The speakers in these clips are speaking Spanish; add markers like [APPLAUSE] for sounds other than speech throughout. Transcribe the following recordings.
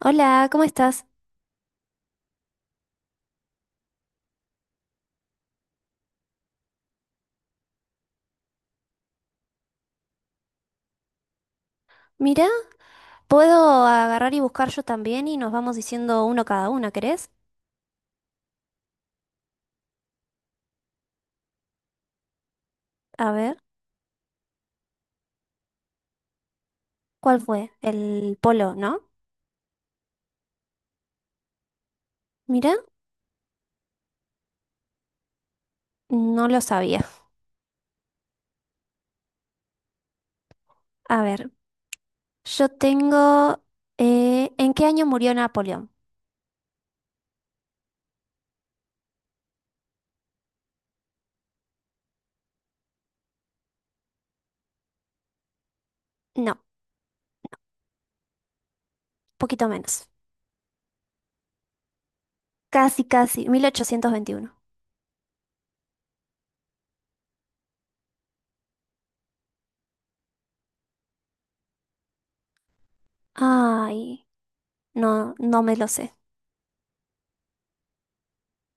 Hola, ¿cómo estás? Mirá, puedo agarrar y buscar yo también y nos vamos diciendo uno cada una, ¿querés? A ver, ¿cuál fue? El polo, ¿no? Mirá, no lo sabía. A ver, yo tengo... ¿en qué año murió Napoleón? No, poquito menos. Casi, casi, 1821. Ay, no, no me lo sé.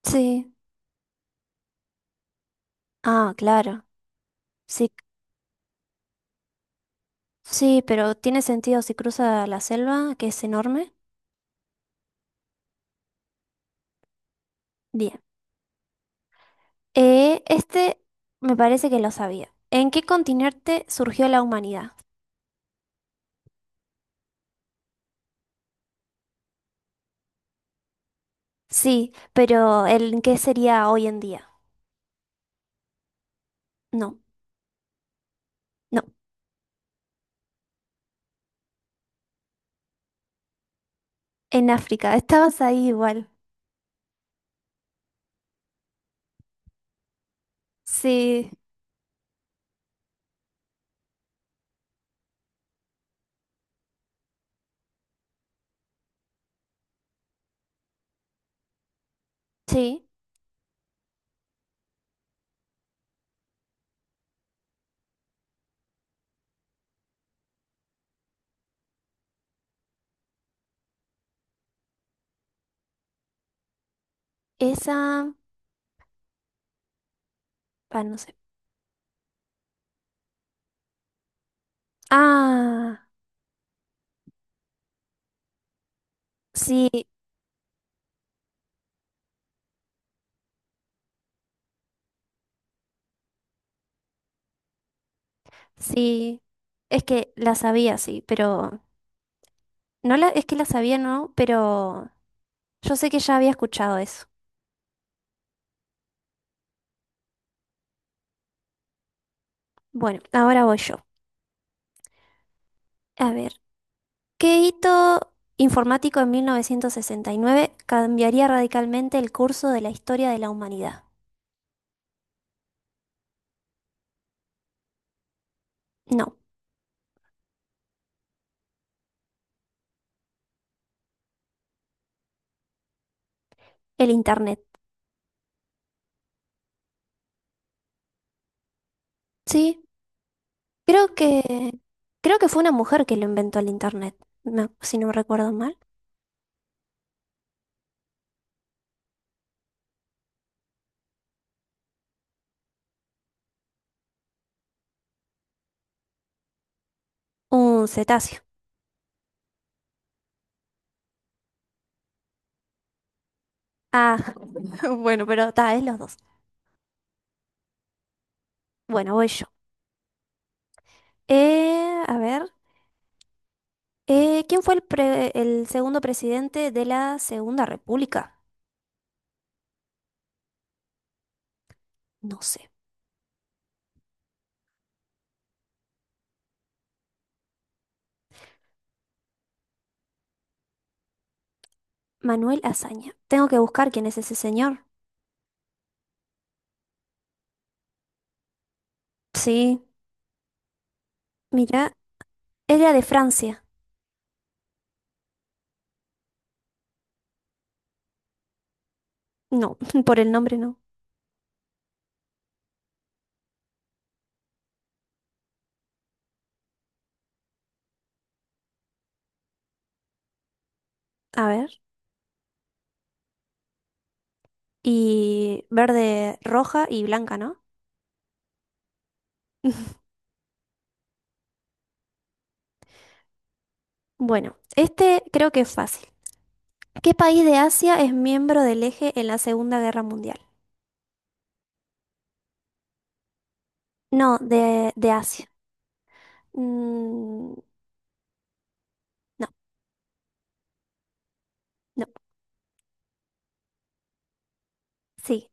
Sí. Ah, claro. Sí, sí, pero tiene sentido si cruza la selva, que es enorme. Bien. Este me parece que lo sabía. ¿En qué continente surgió la humanidad? Sí, pero ¿en qué sería hoy en día? No, no, en África. [LAUGHS] Estabas ahí igual. Sí, sí, esa... Ah, no sé. Ah, sí, sí. Es que la sabía, sí, pero... No la... Es que la sabía, no, pero yo sé que ya había escuchado eso. Bueno, ahora voy yo. A ver. ¿Qué hito informático en 1969 cambiaría radicalmente el curso de la historia de la humanidad? No, el Internet. Sí, creo que creo que fue una mujer que lo inventó el Internet, si no recuerdo mal. Un cetáceo. Ah, [LAUGHS] bueno, pero está, es los dos. Bueno, voy yo. Eh, a ver, ¿Quién fue el segundo presidente de la Segunda República? No sé. Manuel Azaña. Tengo que buscar quién es ese señor. Sí, mira, era de Francia. No, [LAUGHS] por el nombre no. A ver. Y verde, roja y blanca, ¿no? [LAUGHS] Bueno, este creo que es fácil. ¿Qué país de Asia es miembro del eje en la Segunda Guerra Mundial? No, de Asia. Mm, no, no. Sí,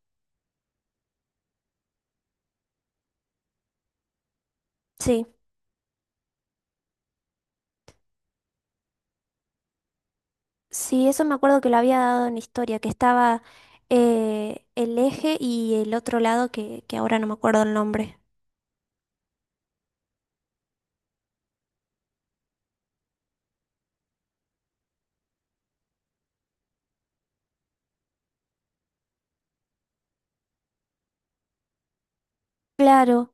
sí. Sí, eso me acuerdo que lo había dado en historia, que estaba el eje y el otro lado que ahora no me acuerdo el nombre. Claro.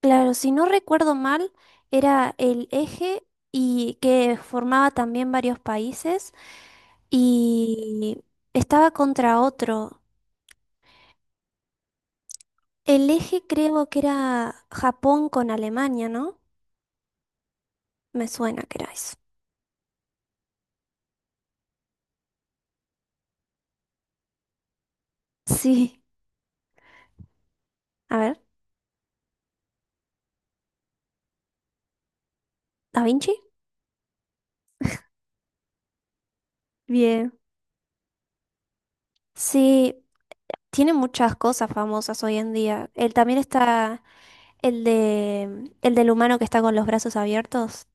Claro, si no recuerdo mal, era el eje y que formaba también varios países y estaba contra otro. El eje creo que era Japón con Alemania, ¿no? Me suena que era eso. Sí. A ver, Da Vinci. Bien. Sí, tiene muchas cosas famosas hoy en día. Él también está el de el del humano que está con los brazos abiertos.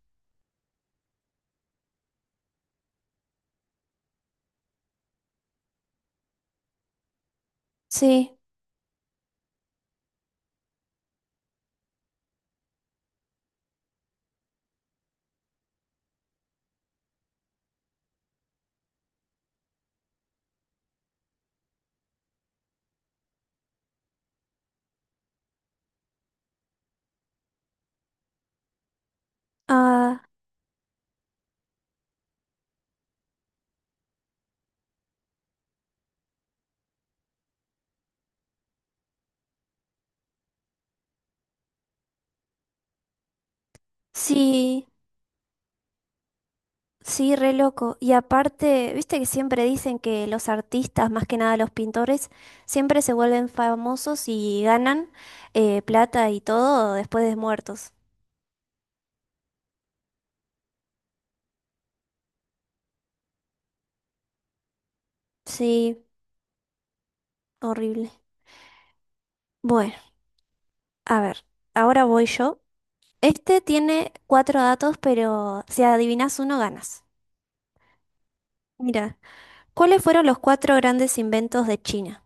Sí. Ah, sí. Sí, re loco. Y aparte, viste que siempre dicen que los artistas, más que nada los pintores, siempre se vuelven famosos y ganan plata y todo después de muertos. Sí, horrible. Bueno, a ver, ahora voy yo. Este tiene cuatro datos, pero si adivinas uno, ganas. Mira, ¿cuáles fueron los cuatro grandes inventos de China?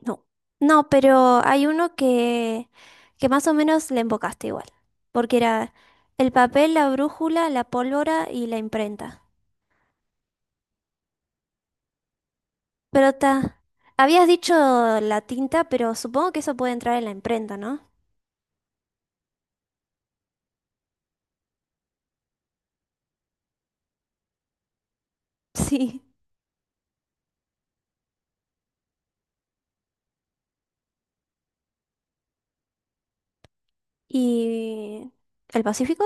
No, no, pero hay uno que más o menos le embocaste igual, porque era el papel, la brújula, la pólvora y la imprenta. Pero ta, habías dicho la tinta, pero supongo que eso puede entrar en la imprenta, ¿no? Sí. ¿Y el Pacífico?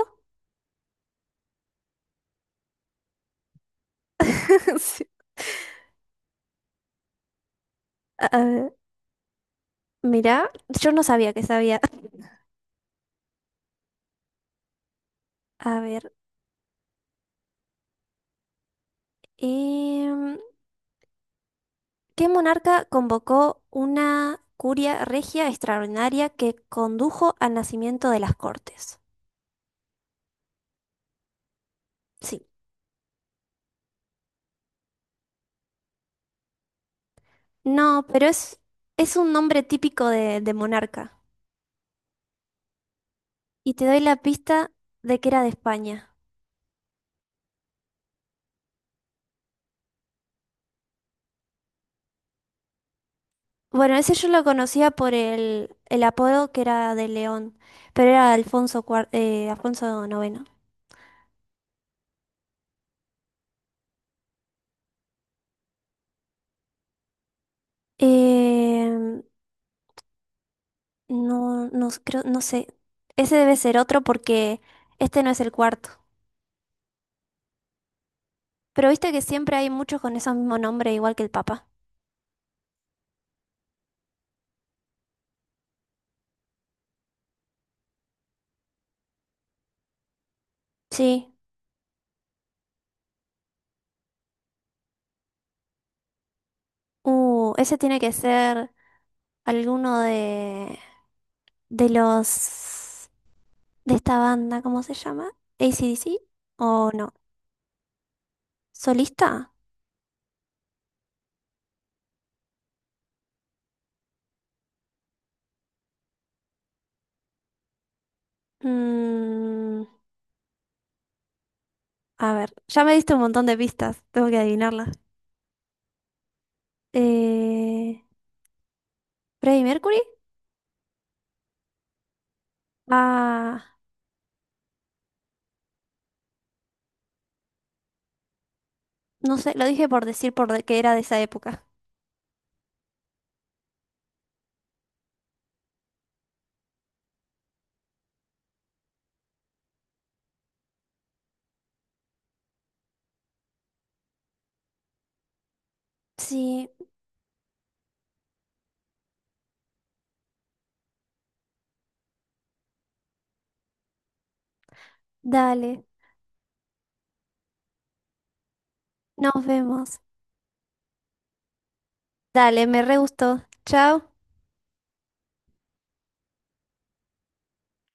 [LAUGHS] Sí. A ver, mirá, yo no sabía que sabía. [LAUGHS] A ver, em, ¿qué monarca convocó una curia regia extraordinaria que condujo al nacimiento de las Cortes? Sí. No, pero es un nombre típico de monarca. Y te doy la pista de que era de España. Bueno, ese yo lo conocía por el apodo que era de León, pero era Alfonso, Alfonso IX. Em, no, no, creo, no sé. Ese debe ser otro porque este no es el cuarto. Pero viste que siempre hay muchos con esos mismos nombres, igual que el Papa. Sí. Ese tiene que ser alguno de, los... de esta banda, ¿cómo se llama? ¿ACDC? ¿O no? ¿Solista? Mm, a ver, ya me diste un montón de pistas, tengo que adivinarlas. Eh, ¿Freddie Mercury? Ah, no sé, lo dije por decir que era de esa época. Sí, dale, nos vemos. Dale, me re gustó. Chao.